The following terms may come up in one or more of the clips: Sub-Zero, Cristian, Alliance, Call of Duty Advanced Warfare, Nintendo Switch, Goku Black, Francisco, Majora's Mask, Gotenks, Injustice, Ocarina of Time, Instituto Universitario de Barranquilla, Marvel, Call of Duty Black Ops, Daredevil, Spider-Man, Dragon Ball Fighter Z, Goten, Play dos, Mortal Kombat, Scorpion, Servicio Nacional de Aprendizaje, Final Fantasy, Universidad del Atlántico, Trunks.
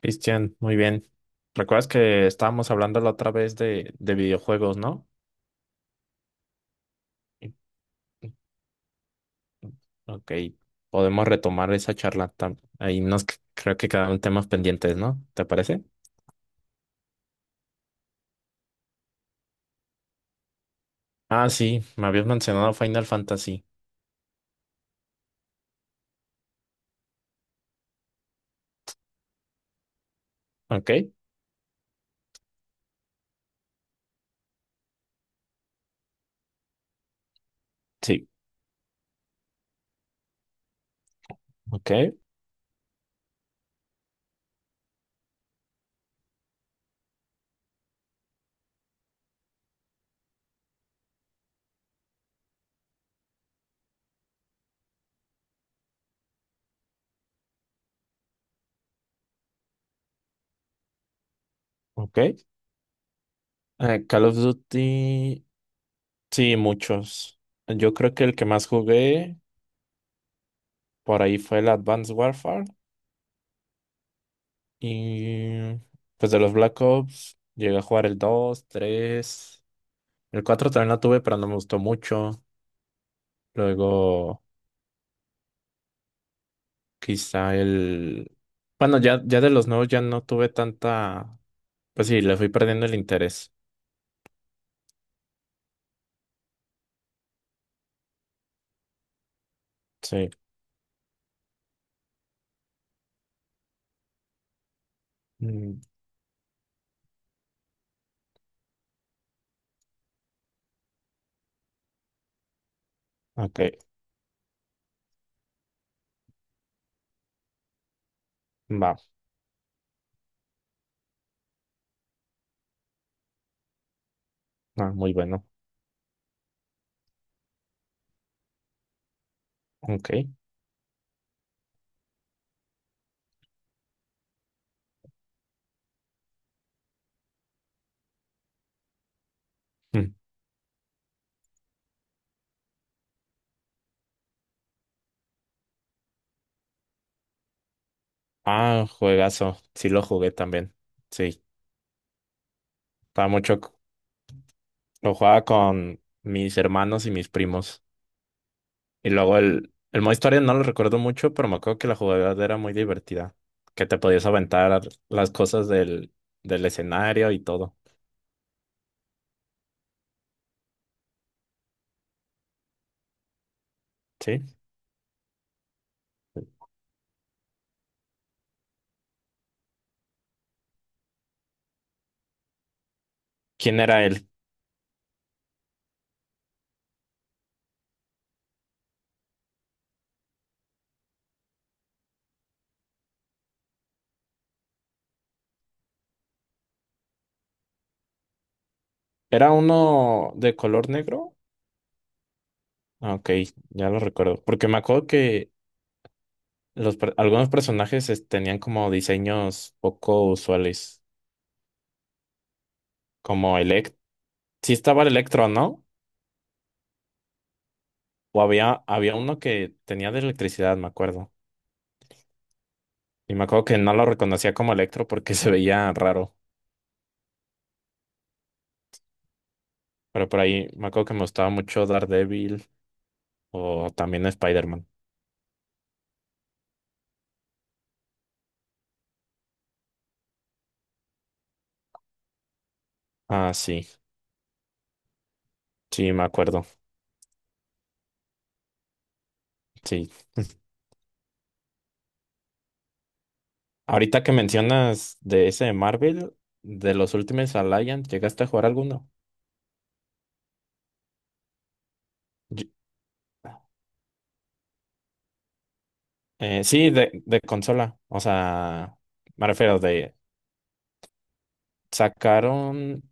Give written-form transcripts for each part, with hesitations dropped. Cristian, muy bien. ¿Recuerdas que estábamos hablando la otra vez de videojuegos, ¿no? Y- y- Ok, podemos retomar esa charla. Ahí creo que quedaron temas pendientes, ¿no? ¿Te parece? Ah, sí, me habías mencionado Final Fantasy. Ok, sí, ok, ok. Call of Duty, sí, muchos. Yo creo que el que más jugué por ahí fue el Advanced Warfare. Y pues de los Black Ops, llegué a jugar el 2, 3. El 4 también lo tuve, pero no me gustó mucho. Luego, quizá bueno, ya de los nuevos ya no tuve tanta... Pues sí, le fui perdiendo el interés. Sí. Mm, ok, va. Ah, muy bueno. Ok. Mm. Ah, juegazo. Sí lo jugué también. Sí, estaba mucho... Lo jugaba con mis hermanos y mis primos. Y luego el modo historia no lo recuerdo mucho, pero me acuerdo que la jugabilidad era muy divertida, que te podías aventar las cosas del escenario y todo, ¿sí? ¿Quién era él? ¿Era uno de color negro? Ah, ok, ya lo recuerdo, porque me acuerdo que algunos personajes tenían como diseños poco usuales, como Elect. Sí estaba el Electro, ¿no? O había uno que tenía de electricidad, me acuerdo. Y me acuerdo que no lo reconocía como Electro porque se veía raro. Pero por ahí me acuerdo que me gustaba mucho Daredevil o también Spider-Man. Ah, sí, sí, me acuerdo. Sí. Ahorita que mencionas de ese de Marvel, de los últimos Alliance, ¿llegaste a jugar alguno? Yo- sí, de consola. O sea, me refiero de sacaron,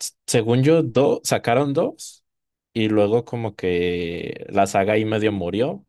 según yo, dos, sacaron dos y luego como que la saga ahí medio murió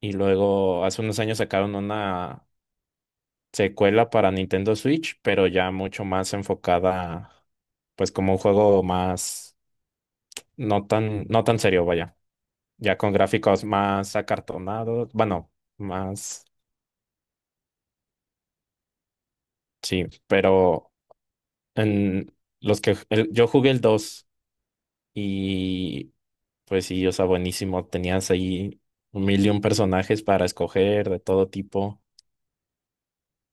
y luego hace unos años sacaron una secuela para Nintendo Switch, pero ya mucho más enfocada, pues como un juego más, no tan serio, vaya, ya con gráficos más acartonados, bueno, más, sí, pero en los que yo jugué el 2 y pues sí, o sea, buenísimo, tenías ahí un mil y un personajes para escoger de todo tipo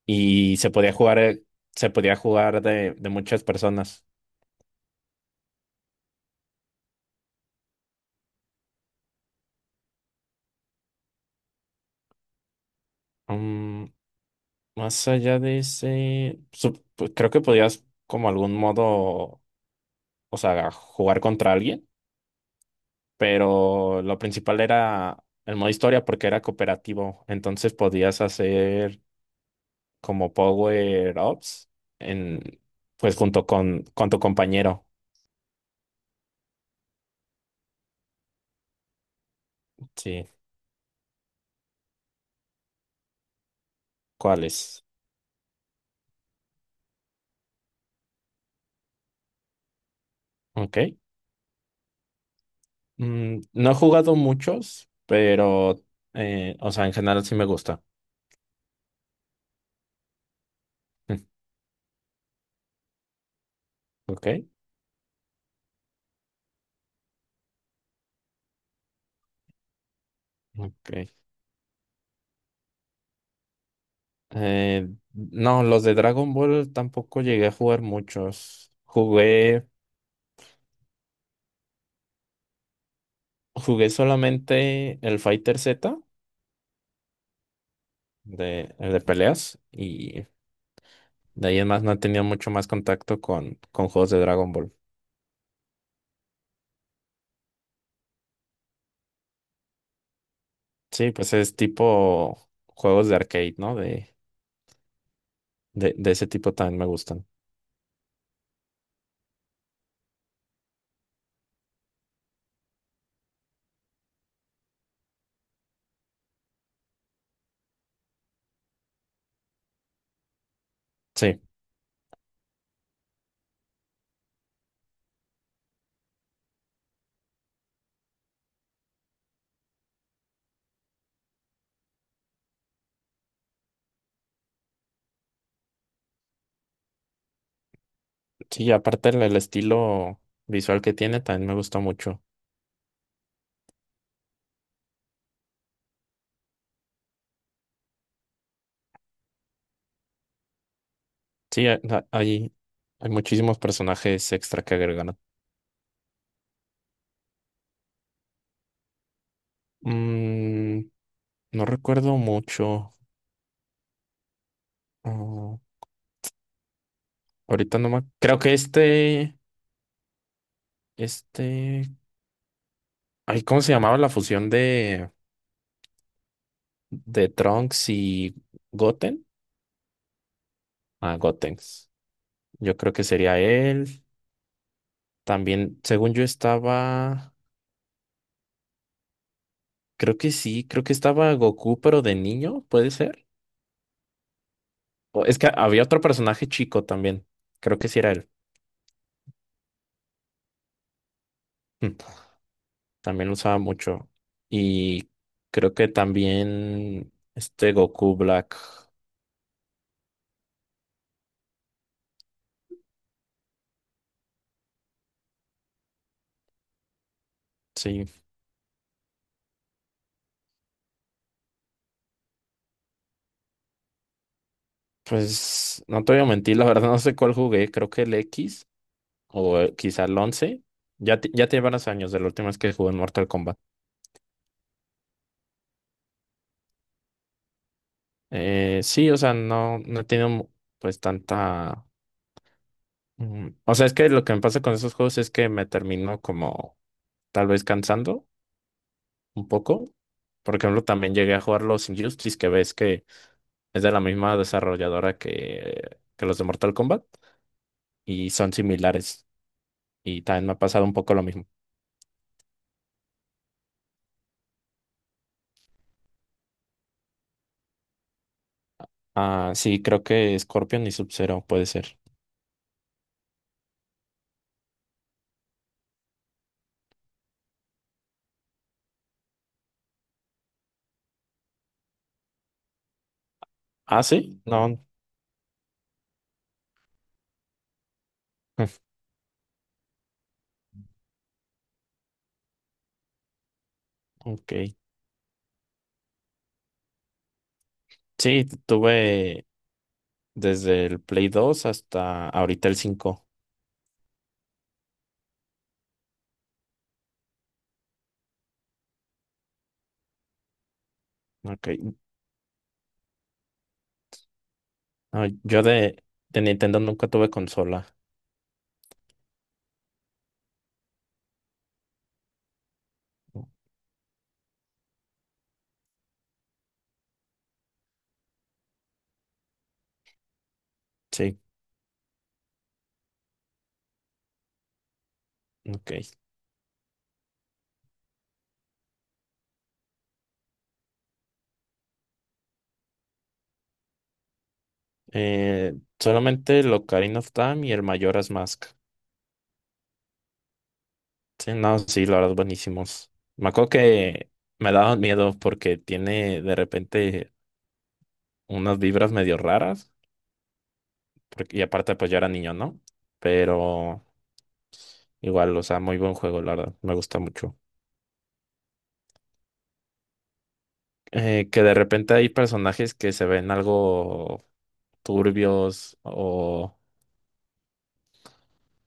y se podía jugar de muchas personas. Mm, más allá de ese, pues, creo que podías como algún modo, o sea, jugar contra alguien, pero lo principal era el modo historia porque era cooperativo, entonces podías hacer como power ups en, pues junto con tu compañero. Sí, ¿cuáles? Ok. Mm, no he jugado muchos, pero, o sea, en general sí me gusta. Mm, ok, ok. Eh, no, los de Dragon Ball tampoco llegué a jugar muchos. Jugué solamente el Fighter Z el de peleas y de ahí en más no he tenido mucho más contacto con juegos de Dragon Ball. Sí, pues es tipo juegos de arcade, ¿no? De ese tipo también me gustan. Sí, sí, aparte el estilo visual que tiene también me gusta mucho. Sí, hay hay muchísimos personajes extra que agregan. Mm, no recuerdo mucho. Oh, ahorita no me... Creo que este... ay, ¿cómo se llamaba la fusión de Trunks y Goten? Ah, Gotenks. Yo creo que sería él. También, según yo estaba... Creo que sí, creo que estaba Goku, pero de niño, ¿puede ser? Es que había otro personaje chico también. Creo que sí era él. Mm, también lo usaba mucho. Y creo que también este Goku Black. Sí. Pues no te voy a mentir, la verdad no sé cuál jugué, creo que el X o quizá el 11. Ya, ya tiene varios años de la última vez que jugué en Mortal Kombat. Sí, o sea, no, no he tenido pues tanta... Mm, o sea, es que lo que me pasa con esos juegos es que me termino como tal vez cansando un poco. Por ejemplo, también llegué a jugar los Injustice, que ves que es de la misma desarrolladora que los de Mortal Kombat y son similares. Y también me ha pasado un poco lo mismo. Ah, sí, creo que Scorpion y Sub-Zero puede ser. Ah, sí, no. Ok. Sí, tuve desde el Play dos hasta ahorita el 5. Ok. No, yo de Nintendo nunca tuve consola. Sí, ok. Solamente el Ocarina of Time y el Majora's Mask. Sí, no, sí, la verdad, buenísimos. Me acuerdo que me daban miedo porque tiene de repente unas vibras medio raras. Porque, y aparte, pues yo era niño, ¿no? Pero. Igual, o sea, muy buen juego, la verdad. Me gusta mucho. Que de repente hay personajes que se ven algo turbios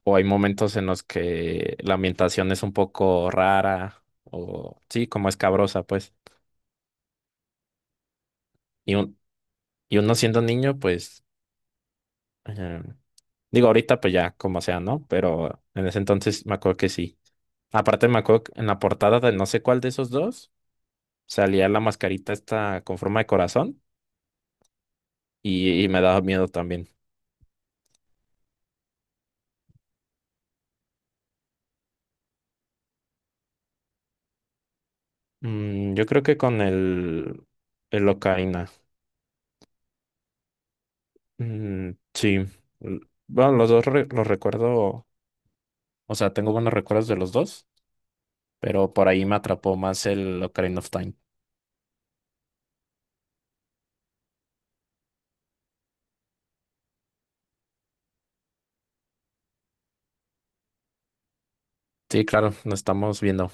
o hay momentos en los que la ambientación es un poco rara o sí, como escabrosa, pues. Y, un, y uno siendo niño, pues, eh, digo, ahorita pues ya, como sea, ¿no? Pero en ese entonces me acuerdo que sí. Aparte me acuerdo que en la portada de no sé cuál de esos dos salía la mascarita esta con forma de corazón y me daba miedo también. Mm, yo creo que con el Ocarina. Mm, sí. L- bueno, los dos los recuerdo. O sea, tengo buenos recuerdos de los dos, pero por ahí me atrapó más el Ocarina of Time. Sí, claro, nos estamos viendo.